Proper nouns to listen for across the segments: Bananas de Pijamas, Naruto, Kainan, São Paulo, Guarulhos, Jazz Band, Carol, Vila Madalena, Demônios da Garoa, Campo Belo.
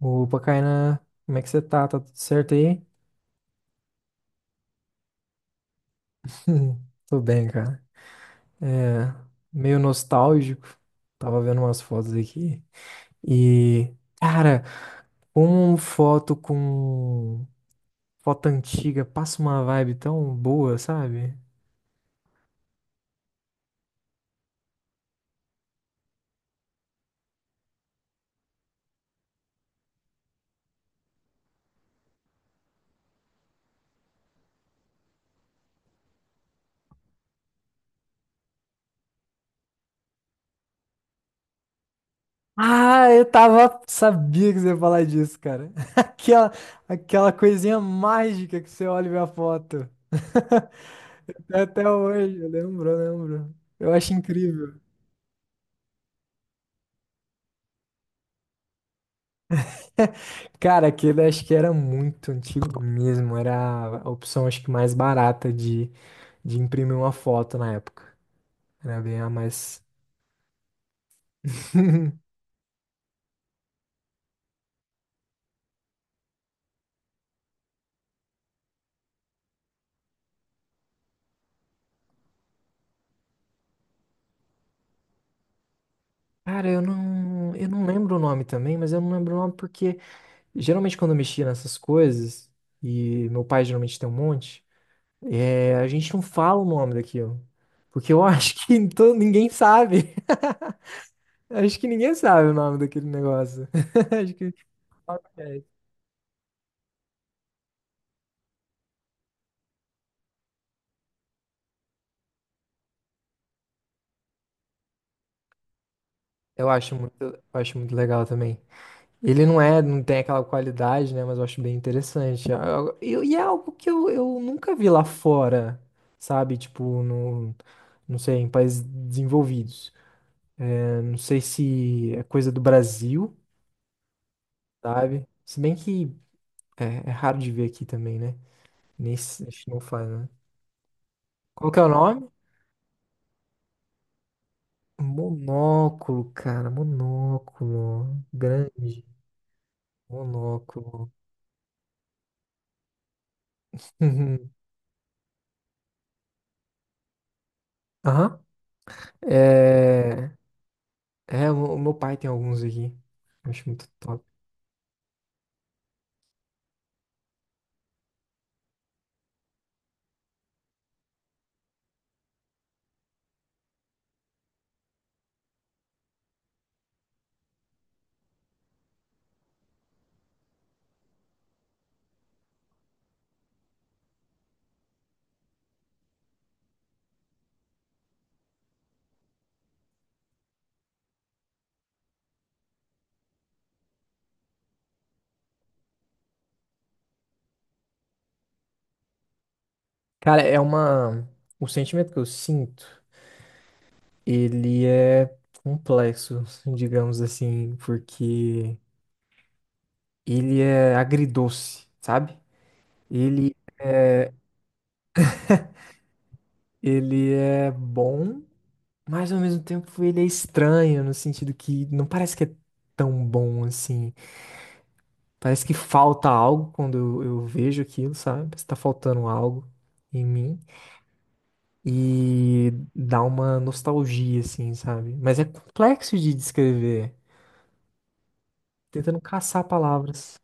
Opa, Kainan, como é que você tá? Tá tudo certo aí? Tô bem, cara. É, meio nostálgico. Tava vendo umas fotos aqui. E, cara, uma foto com foto antiga passa uma vibe tão boa, sabe? Ah, eu tava. Sabia que você ia falar disso, cara. Aquela, aquela coisinha mágica que você olha e vê a foto. Até hoje, eu lembro. Eu acho incrível. Cara, aquele acho que era muito antigo mesmo. Era a opção, acho que mais barata de imprimir uma foto na época. Era bem a mais. Cara, eu não lembro o nome também, mas eu não lembro o nome porque geralmente quando eu mexia nessas coisas, e meu pai geralmente tem um monte, a gente não fala o nome daquilo. Porque eu acho que ninguém sabe. Acho que ninguém sabe o nome daquele negócio. Acho que, é, eu acho muito legal também. Ele não é, não tem aquela qualidade, né? Mas eu acho bem interessante. E é algo que eu nunca vi lá fora, sabe? Não sei, em países desenvolvidos. Não sei se é coisa do Brasil, sabe? Se bem que é raro de ver aqui também, né? Nem se- a gente não faz, né? Qual que é o nome? Monóculo, cara, monóculo. Grande. Monóculo. Aham. É, o meu pai tem alguns aqui. Eu acho muito top. Cara, é uma. O sentimento que eu sinto, ele é complexo, digamos assim, porque ele é agridoce, sabe? Ele é, ele é bom, mas ao mesmo tempo ele é estranho, no sentido que não parece que é tão bom assim. Parece que falta algo quando eu vejo aquilo, sabe? Parece que tá faltando algo em mim. E dá uma nostalgia, assim, sabe? Mas é complexo de descrever, tentando caçar palavras.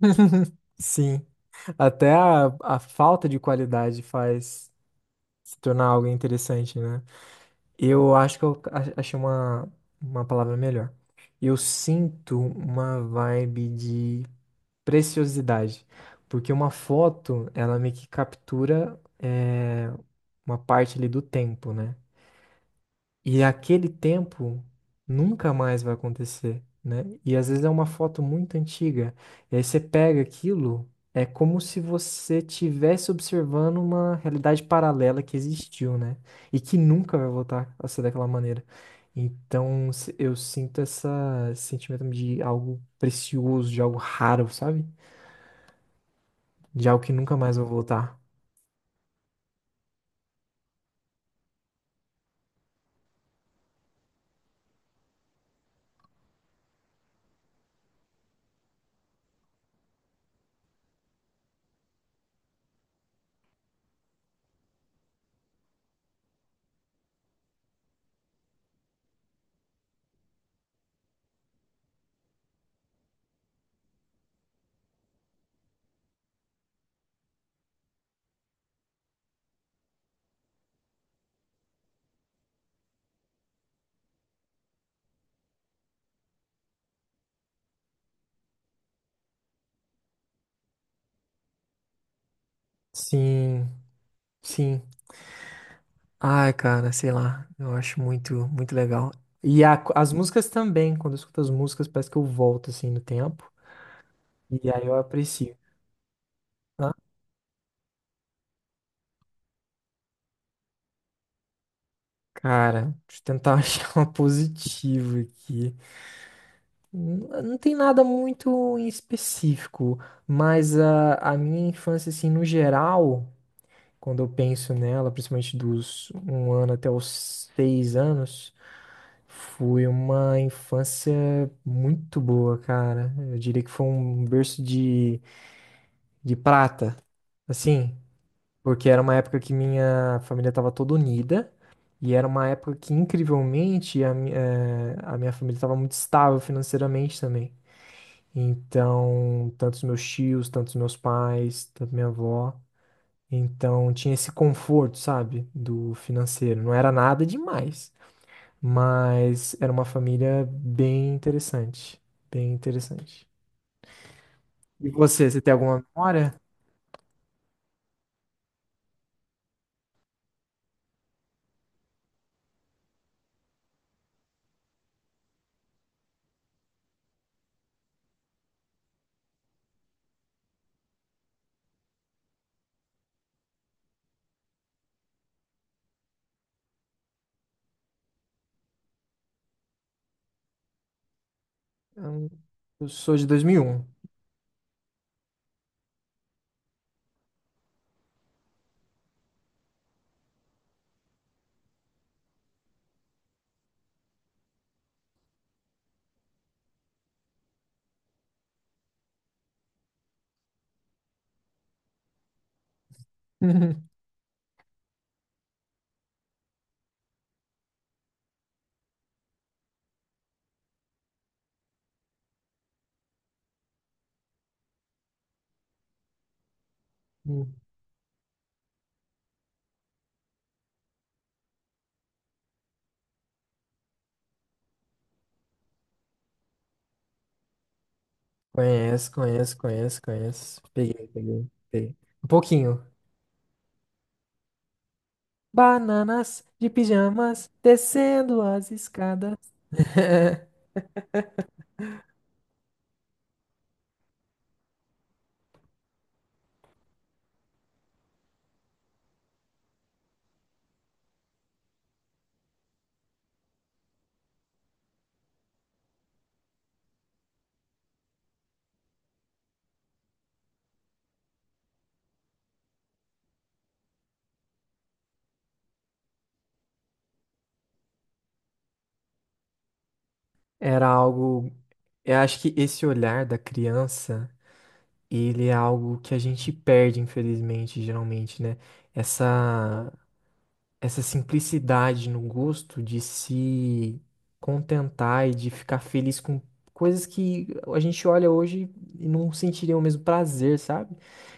Sim, até a falta de qualidade faz se tornar algo interessante, né? Eu acho que achei uma palavra melhor. Eu sinto uma vibe de preciosidade, porque uma foto, ela meio que captura uma parte ali do tempo, né? E aquele tempo nunca mais vai acontecer, né? E às vezes é uma foto muito antiga. E aí você pega aquilo, é como se você estivesse observando uma realidade paralela que existiu, né? E que nunca vai voltar a ser daquela maneira. Eu sinto esse sentimento de algo precioso, de algo raro, sabe? De algo que nunca mais vai voltar. Sim, sim. Ai, cara, sei lá. Eu acho muito, muito legal. As músicas também, quando eu escuto as músicas, parece que eu volto assim no tempo. E aí eu aprecio. Ah, cara, deixa eu tentar achar uma positiva aqui. Não tem nada muito em específico, mas a minha infância, assim, no geral, quando eu penso nela, principalmente dos um ano até os seis anos. Foi uma infância muito boa, cara. Eu diria que foi um berço de prata, assim, porque era uma época que minha família estava toda unida e era uma época que, incrivelmente, a minha família estava muito estável financeiramente também. Então, tanto os meus tios, tanto os meus pais, tanto minha avó. Então, tinha esse conforto, sabe, do financeiro. Não era nada demais. Mas era uma família bem interessante. Bem interessante. E você, tem alguma memória? Eu eu sou de 2001. Hum. Conheço, conheço, conheço, conheço. Peguei, peguei, peguei. Um pouquinho. Bananas de pijamas descendo as escadas. Era algo. Eu acho que esse olhar da criança, ele é algo que a gente perde, infelizmente, geralmente, né? Essa essa simplicidade no gosto de se contentar e de ficar feliz com coisas que a gente olha hoje e não sentiria o mesmo prazer, sabe?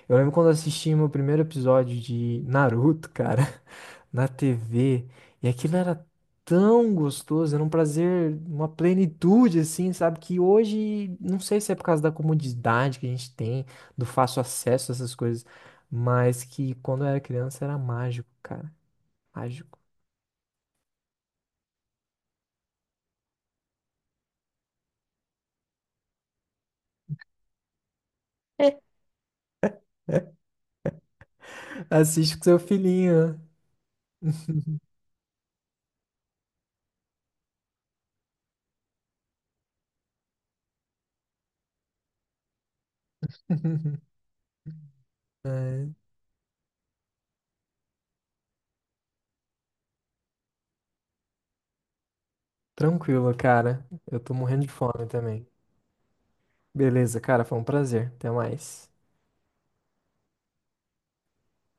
Eu lembro quando eu assisti meu primeiro episódio de Naruto, cara, na TV, e aquilo era tão gostoso, era um prazer, uma plenitude, assim, sabe? Que hoje, não sei se é por causa da comodidade que a gente tem, do fácil acesso a essas coisas, mas que quando eu era criança era mágico, cara. Mágico. É. Assiste com seu filhinho. É, tranquilo, cara. Eu tô morrendo de fome também. Beleza, cara, foi um prazer. Até mais.